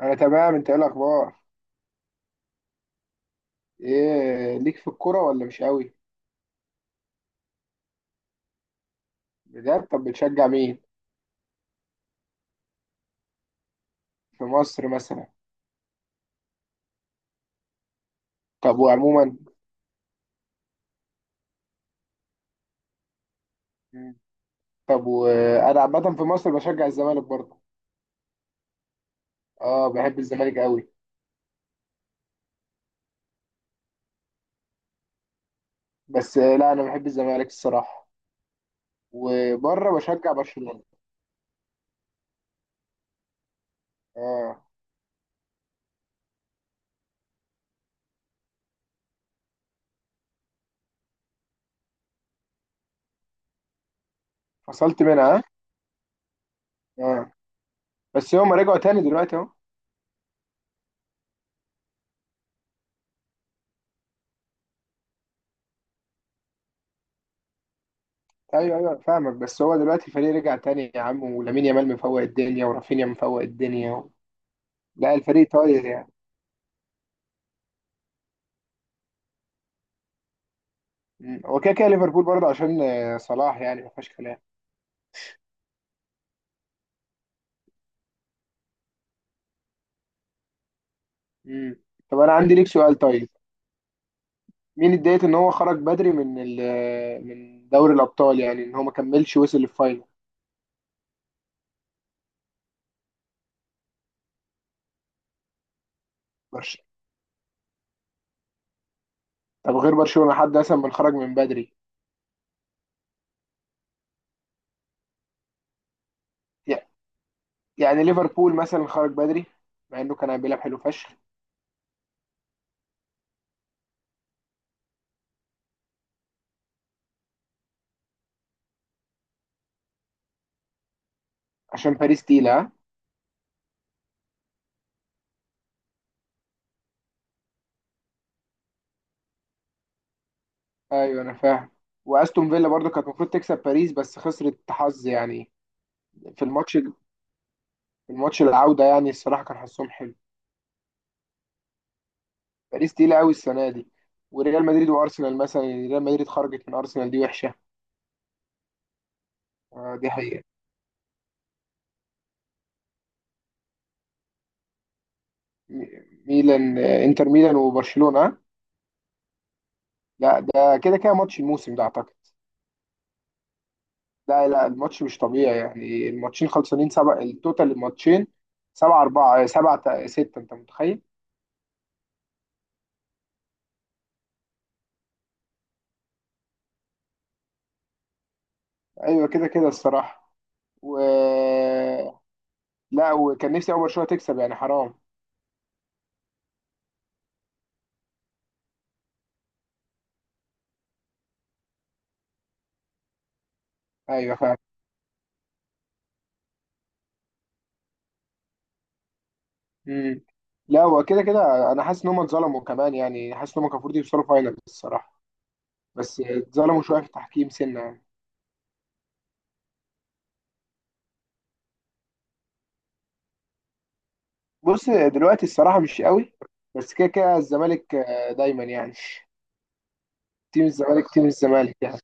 انا تمام، انت ايه الاخبار؟ ايه ليك في الكوره ولا مش قوي؟ بجد؟ طب بتشجع مين؟ في مصر مثلا. طب وعموما؟ مم. طب وانا عامه في مصر بشجع الزمالك برضه. اه، بحب الزمالك قوي. بس لا انا بحب الزمالك الصراحه. وبره بشجع برشلونه. اه، فصلت منها ها؟ اه، بس هم رجعوا تاني دلوقتي اهو. ايوه، ايوه، فاهمك، بس هو دلوقتي الفريق رجع تاني يا عم، ولامين يامال مفوق الدنيا ورافينيا مفوق الدنيا لا، الفريق طاير يعني. مم. هو كده كده ليفربول برضه عشان صلاح، يعني ما فيهاش كلام. مم. طب انا عندي ليك سؤال طيب. مين اتضايق ان هو خرج بدري من من دوري الابطال، يعني ان هو ما كملش وصل للفاينل؟ برش- طب غير برشلونة، حد مثلا من خرج من بدري؟ يع- يعني ليفربول مثلا خرج بدري. مع انه كان بيلعب حلو فشخ. عشان باريس تقيلة، ها؟ ايوه، انا فاهم. واستون فيلا برضه كانت المفروض تكسب باريس، بس خسرت حظ يعني. في الماتش العودة، يعني الصراحة كان حظهم حلو. باريس تقيلة قوي السنة دي. وريال مدريد وأرسنال مثلا، يعني ريال مدريد خرجت من أرسنال، دي وحشة. آه، دي حقيقة. م- ميلان، إنتر ميلان وبرشلونة آه؟ لا، ده كده كده ماتش الموسم ده أعتقد. لا، لا، الماتش مش طبيعي يعني، الماتشين خلصانين سبعة التوتال. الماتشين 7-4، سبعة ستة، أنت متخيل؟ أيوة، كده كده الصراحة. و لا، وكان نفسي أول برشلونة تكسب، يعني حرام. أيوة، فاهم. مم. لا، هو كده كده أنا حاسس إن هم اتظلموا كمان، يعني حاسس إن هم كان المفروض يوصلوا فاينل الصراحة. بس اتظلموا شويه في التحكيم سنه يعني. بص، دلوقتي الصراحه مش قوي. بس كده كده الزمالك دايما يعني. تيم الزمالك، تيم الزمالك يعني.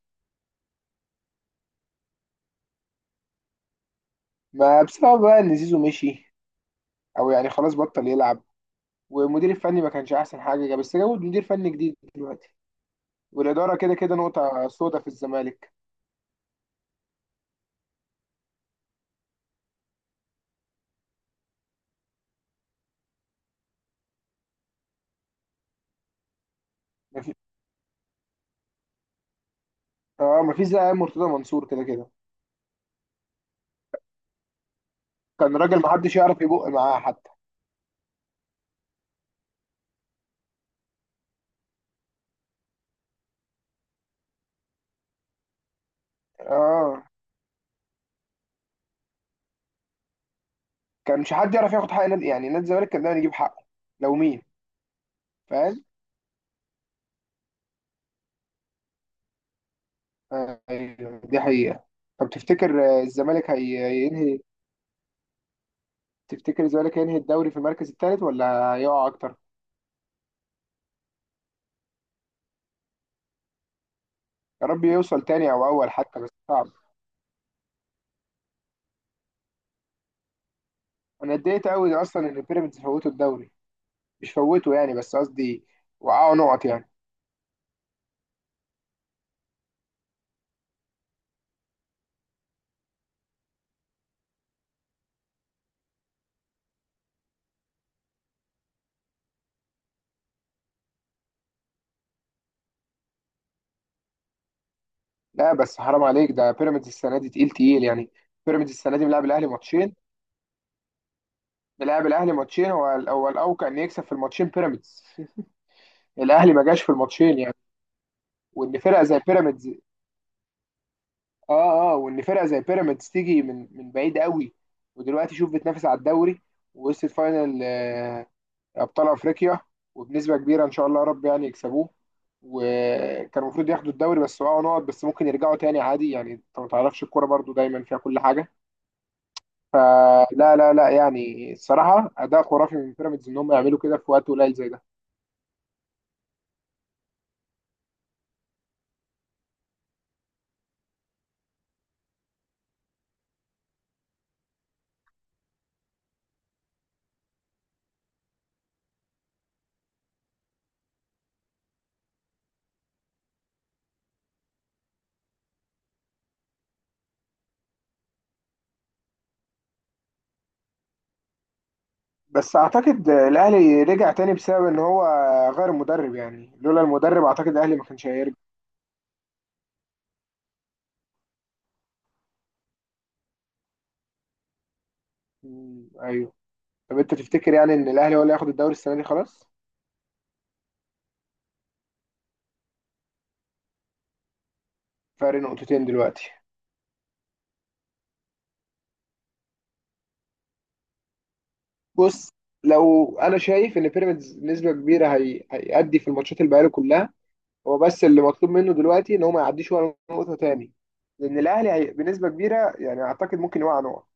ما بسبب بقى ان زيزو مشي. او يعني خلاص بطل يلعب. والمدير الفني ما كانش احسن حاجه، بس جابوا مدير فني جديد دلوقتي. والاداره كده كده نقطه سودا في الزمالك. ما في اه، ما فيش زي مرتضى منصور كده كده. كان راجل، ما حدش يعرف يبق معاه حتى. اه، كان مش حد يعرف ياخد حق نادي، يعني نادي الزمالك كان دايما يجيب حقه. لو مين فاهم. ايوه، دي حقيقة. طب تفتكر، الزمالك هينهي. تفتكر الزمالك هينهي الدوري في المركز الثالث ولا هيقع اكتر؟ يا رب يوصل تاني او اول حتى، بس صعب. انا اتضايقت قوي اصلا ان بيراميدز فوتوا الدوري. مش فوتوا يعني، بس قصدي. وقعوا نقط يعني. لا، بس حرام عليك، ده بيراميدز السنة دي تقيل تقيل يعني. بيراميدز السنة دي ملعب الاهلي ماتشين. ملعب الاهلي ماتشين، هو الاوقع ان يكسب في الماتشين بيراميدز. الاهلي ما جاش في الماتشين يعني. وان فرقة زي بيراميدز اه، اه، وان فرقه زي بيراميدز تيجي من بعيد قوي. ودلوقتي شوف بتنافس على الدوري. ووصلت فاينل ابطال افريقيا. وبنسبه كبيره ان شاء الله يا رب يعني يكسبوه. وكان المفروض ياخدوا الدوري، بس وقعوا نقط، بس ممكن يرجعوا تاني عادي يعني، انت ما تعرفش الكوره برضو دايما فيها كل حاجه. فلا، لا، لا، يعني الصراحه اداء خرافي من بيراميدز ان هم يعملوا كده في وقت قليل زي ده. بس اعتقد الاهلي رجع تاني بسبب ان هو غير المدرب، يعني لولا المدرب اعتقد الاهلي ما كانش هيرجع. مم، ايوه. طب انت تفتكر يعني ان الاهلي هو اللي هياخد الدوري السنه دي خلاص؟ فرق نقطتين دلوقتي. بص، لو انا شايف ان بيراميدز نسبه كبيره هيأدي في الماتشات اللي بقاله كلها. هو بس اللي مطلوب منه دلوقتي ان هو ما يعديش ولا نقطه تاني. لان الاهلي بنسبه كبيره، يعني اعتقد ممكن يوقع نقط.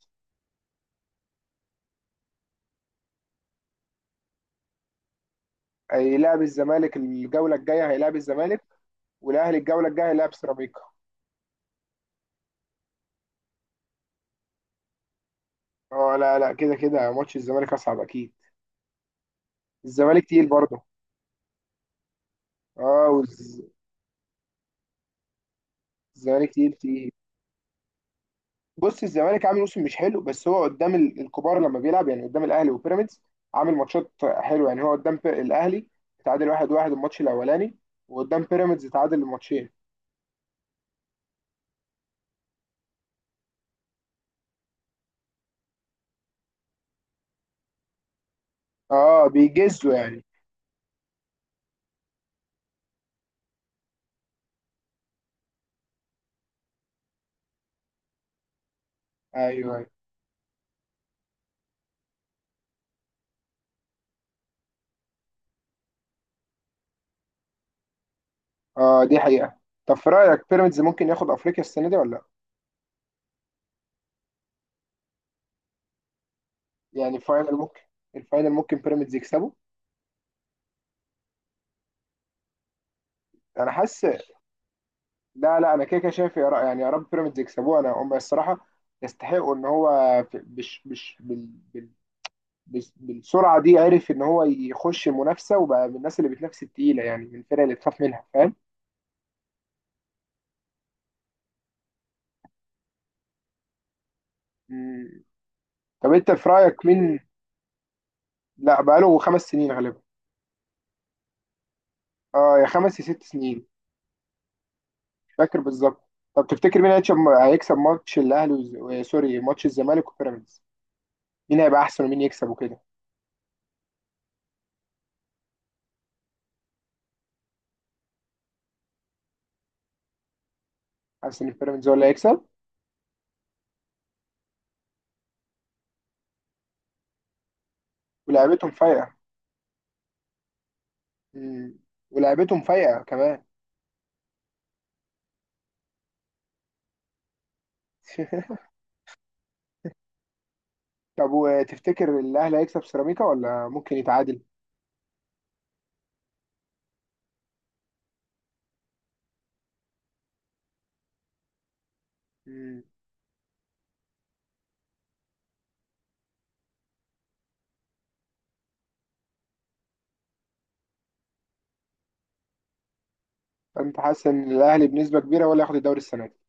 هيلاعب الزمالك الجوله الجايه، هيلاعب الزمالك. والاهلي الجوله الجايه هيلاعب سيراميكا. اه، لا، لا، كده كده ماتش الزمالك اصعب اكيد. الزمالك تقيل برضه. اه، الزمالك تقيل تقيل. بص، الزمالك عامل موسم مش حلو، بس هو قدام الكبار لما بيلعب يعني، قدام الاهلي وبيراميدز. عامل ماتشات حلوه يعني، هو قدام الاهلي. تعادل 1-1 الماتش الاولاني. وقدام بيراميدز تعادل الماتشين. اه، بيجزوا يعني. ايوه، ايوه. اه، دي حقيقه. طب في رايك بيراميدز ممكن ياخد افريقيا السنه دي ولا لا؟ يعني الفاينل ممكن. الفاينل ممكن بيراميدز يكسبه. انا حاسس. لا، لا، انا كده كده شايف يعني يا رب بيراميدز يكسبوه، انا هم الصراحه يستحقوا ان هو في- بش بش بال- بالسرعه دي عرف ان هو يخش منافسه وبقى من الناس اللي بتنافس التقيله يعني، من الفرق اللي تخاف منها، فاهم؟ مم. طب انت في رايك مين؟ لا، بقاله 5 سنين غالبا. اه، يا خمس يا 6 سنين. مش فاكر بالظبط. طب تفتكر مين هيكسب؟ هيكسب ماتش الاهلي سوري، ماتش الزمالك وبيراميدز. مين هيبقى احسن ومين يكسب وكده؟ حاسس ان بيراميدز هو اللي هيكسب. ولعبتهم فايقه. مم. ولعبتهم فايقه كمان. طب وتفتكر الاهلي هيكسب سيراميكا ولا ممكن يتعادل؟ مم. فانت حاسس ان الاهلي بنسبه كبيره ولا ياخد الدوري السنه دي؟